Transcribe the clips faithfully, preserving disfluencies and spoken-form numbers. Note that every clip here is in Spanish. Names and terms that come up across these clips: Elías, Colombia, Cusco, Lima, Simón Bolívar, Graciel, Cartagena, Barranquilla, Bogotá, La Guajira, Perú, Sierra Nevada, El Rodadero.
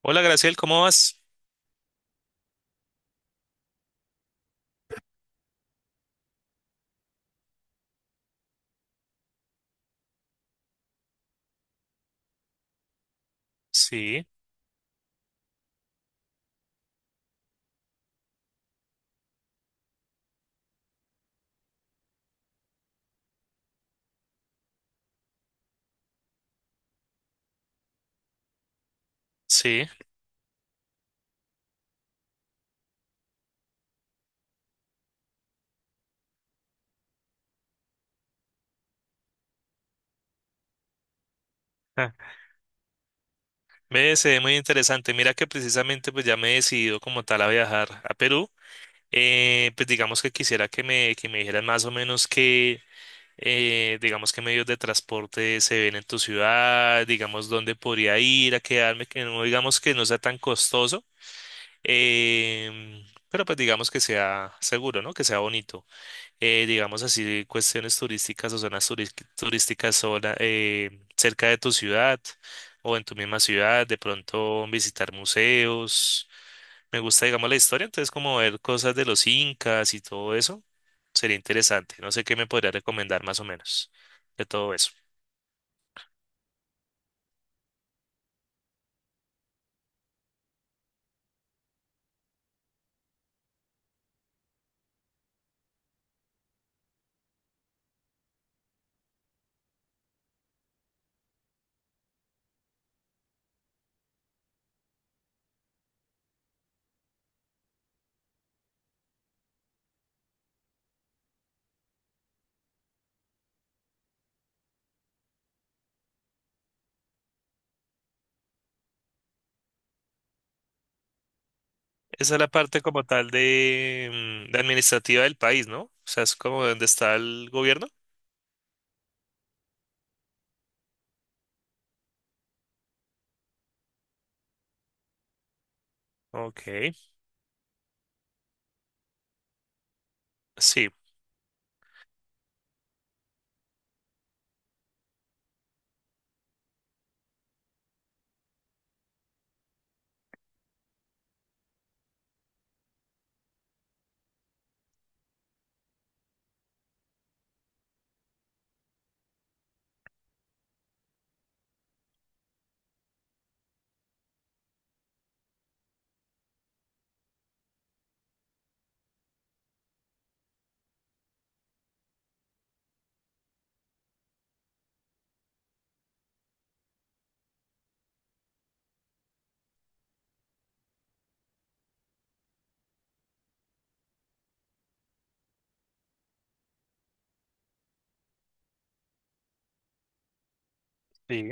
Hola, Graciel, ¿cómo vas? Sí, sí. Ah, ve, se ve muy interesante. Mira que precisamente pues ya me he decidido como tal a viajar a Perú. Eh, pues digamos que quisiera que me, que me dijeras más o menos qué, eh, digamos qué medios de transporte se ven en tu ciudad, digamos dónde podría ir a quedarme, que no digamos que no sea tan costoso, em, pero pues digamos que sea seguro, ¿no? Que sea bonito. Eh, digamos así, cuestiones turísticas o zonas turis- turísticas sola, eh, cerca de tu ciudad o en tu misma ciudad, de pronto visitar museos. Me gusta, digamos, la historia, entonces como ver cosas de los incas y todo eso, sería interesante. No sé qué me podría recomendar más o menos de todo eso. Esa es la parte como tal de, mm, de administrativa del país, ¿no? O sea, es como donde está el gobierno. Ok, sí, sí.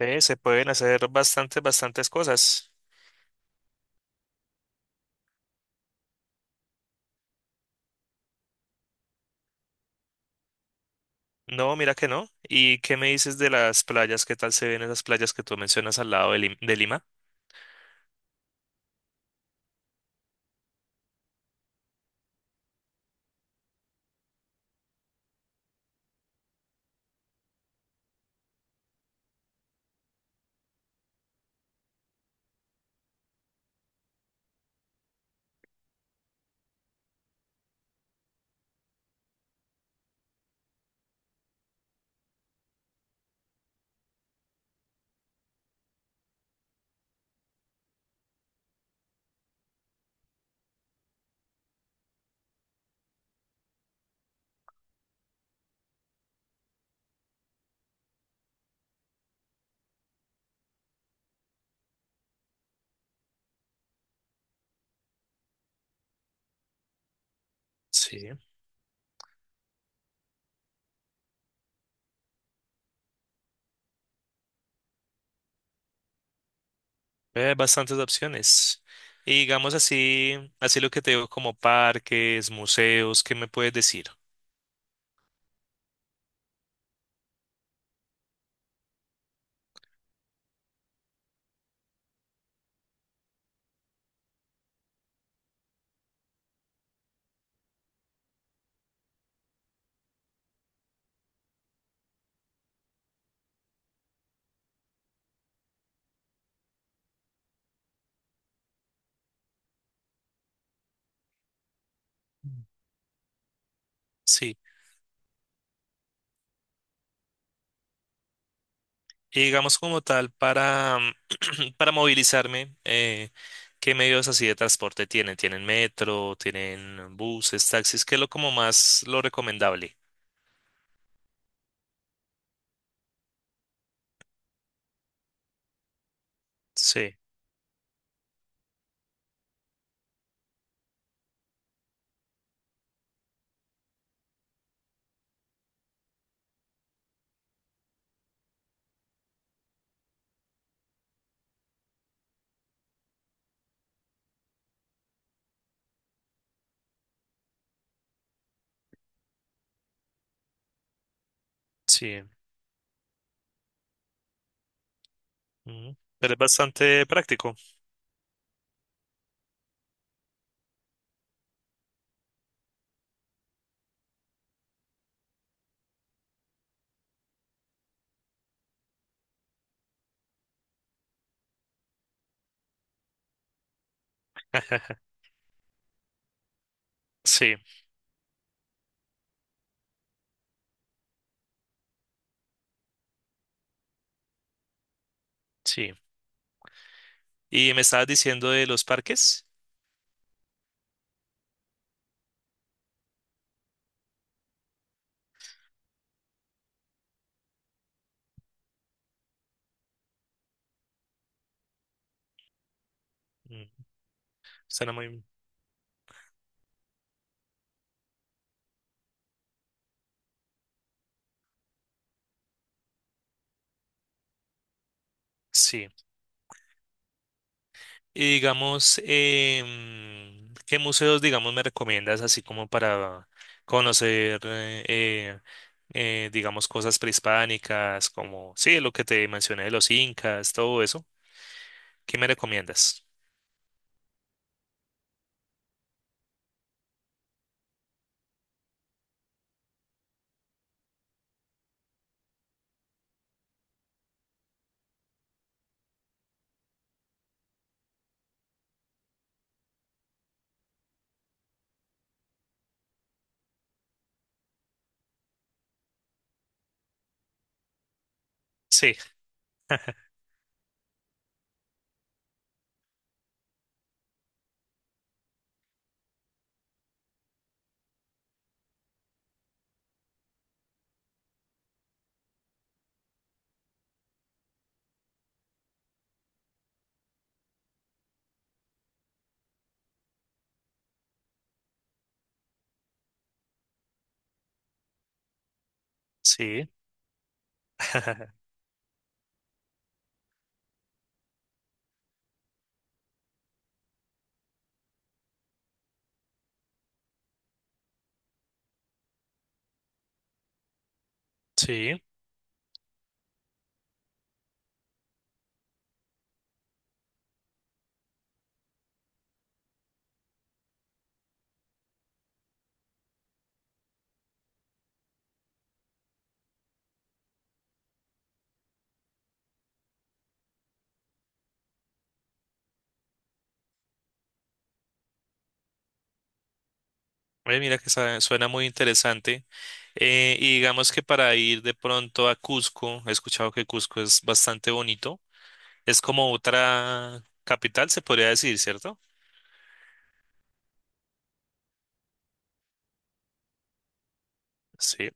Eh, se pueden hacer bastantes, bastantes cosas. No, mira que no. ¿Y qué me dices de las playas? ¿Qué tal se ven esas playas que tú mencionas al lado de, Lim- de Lima? Sí, hay bastantes opciones. Y digamos así, así lo que te digo como parques, museos, ¿qué me puedes decir? Mm. Sí. Y digamos como tal para, para movilizarme, eh, ¿qué medios así de transporte tienen? ¿Tienen metro? ¿Tienen buses, taxis? ¿Qué es lo como más lo recomendable? Sí, sí. Ujú. Pero es bastante práctico. Sí. Sí. Y me estabas diciendo de los parques. Mm. Suena muy... Sí. Y digamos, em, ¿qué museos, digamos, me recomiendas así como para conocer, eh, eh, eh, digamos, cosas prehispánicas, como, sí, lo que te mencioné de los incas, todo eso? ¿Qué me recomiendas? Sí, sí, sí. Eh, mira que sa- suena muy interesante. Eh, y digamos que para ir de pronto a Cusco, he escuchado que Cusco es bastante bonito. Es como otra capital, se podría decir, ¿cierto? Sí,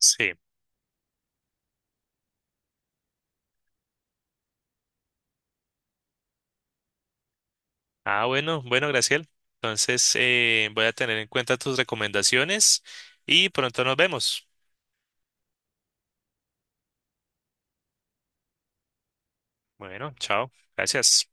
sí. Ah, bueno, bueno, Graciel. Entonces, eh, voy a tener en cuenta tus recomendaciones y pronto nos vemos. Bueno, chao. Gracias.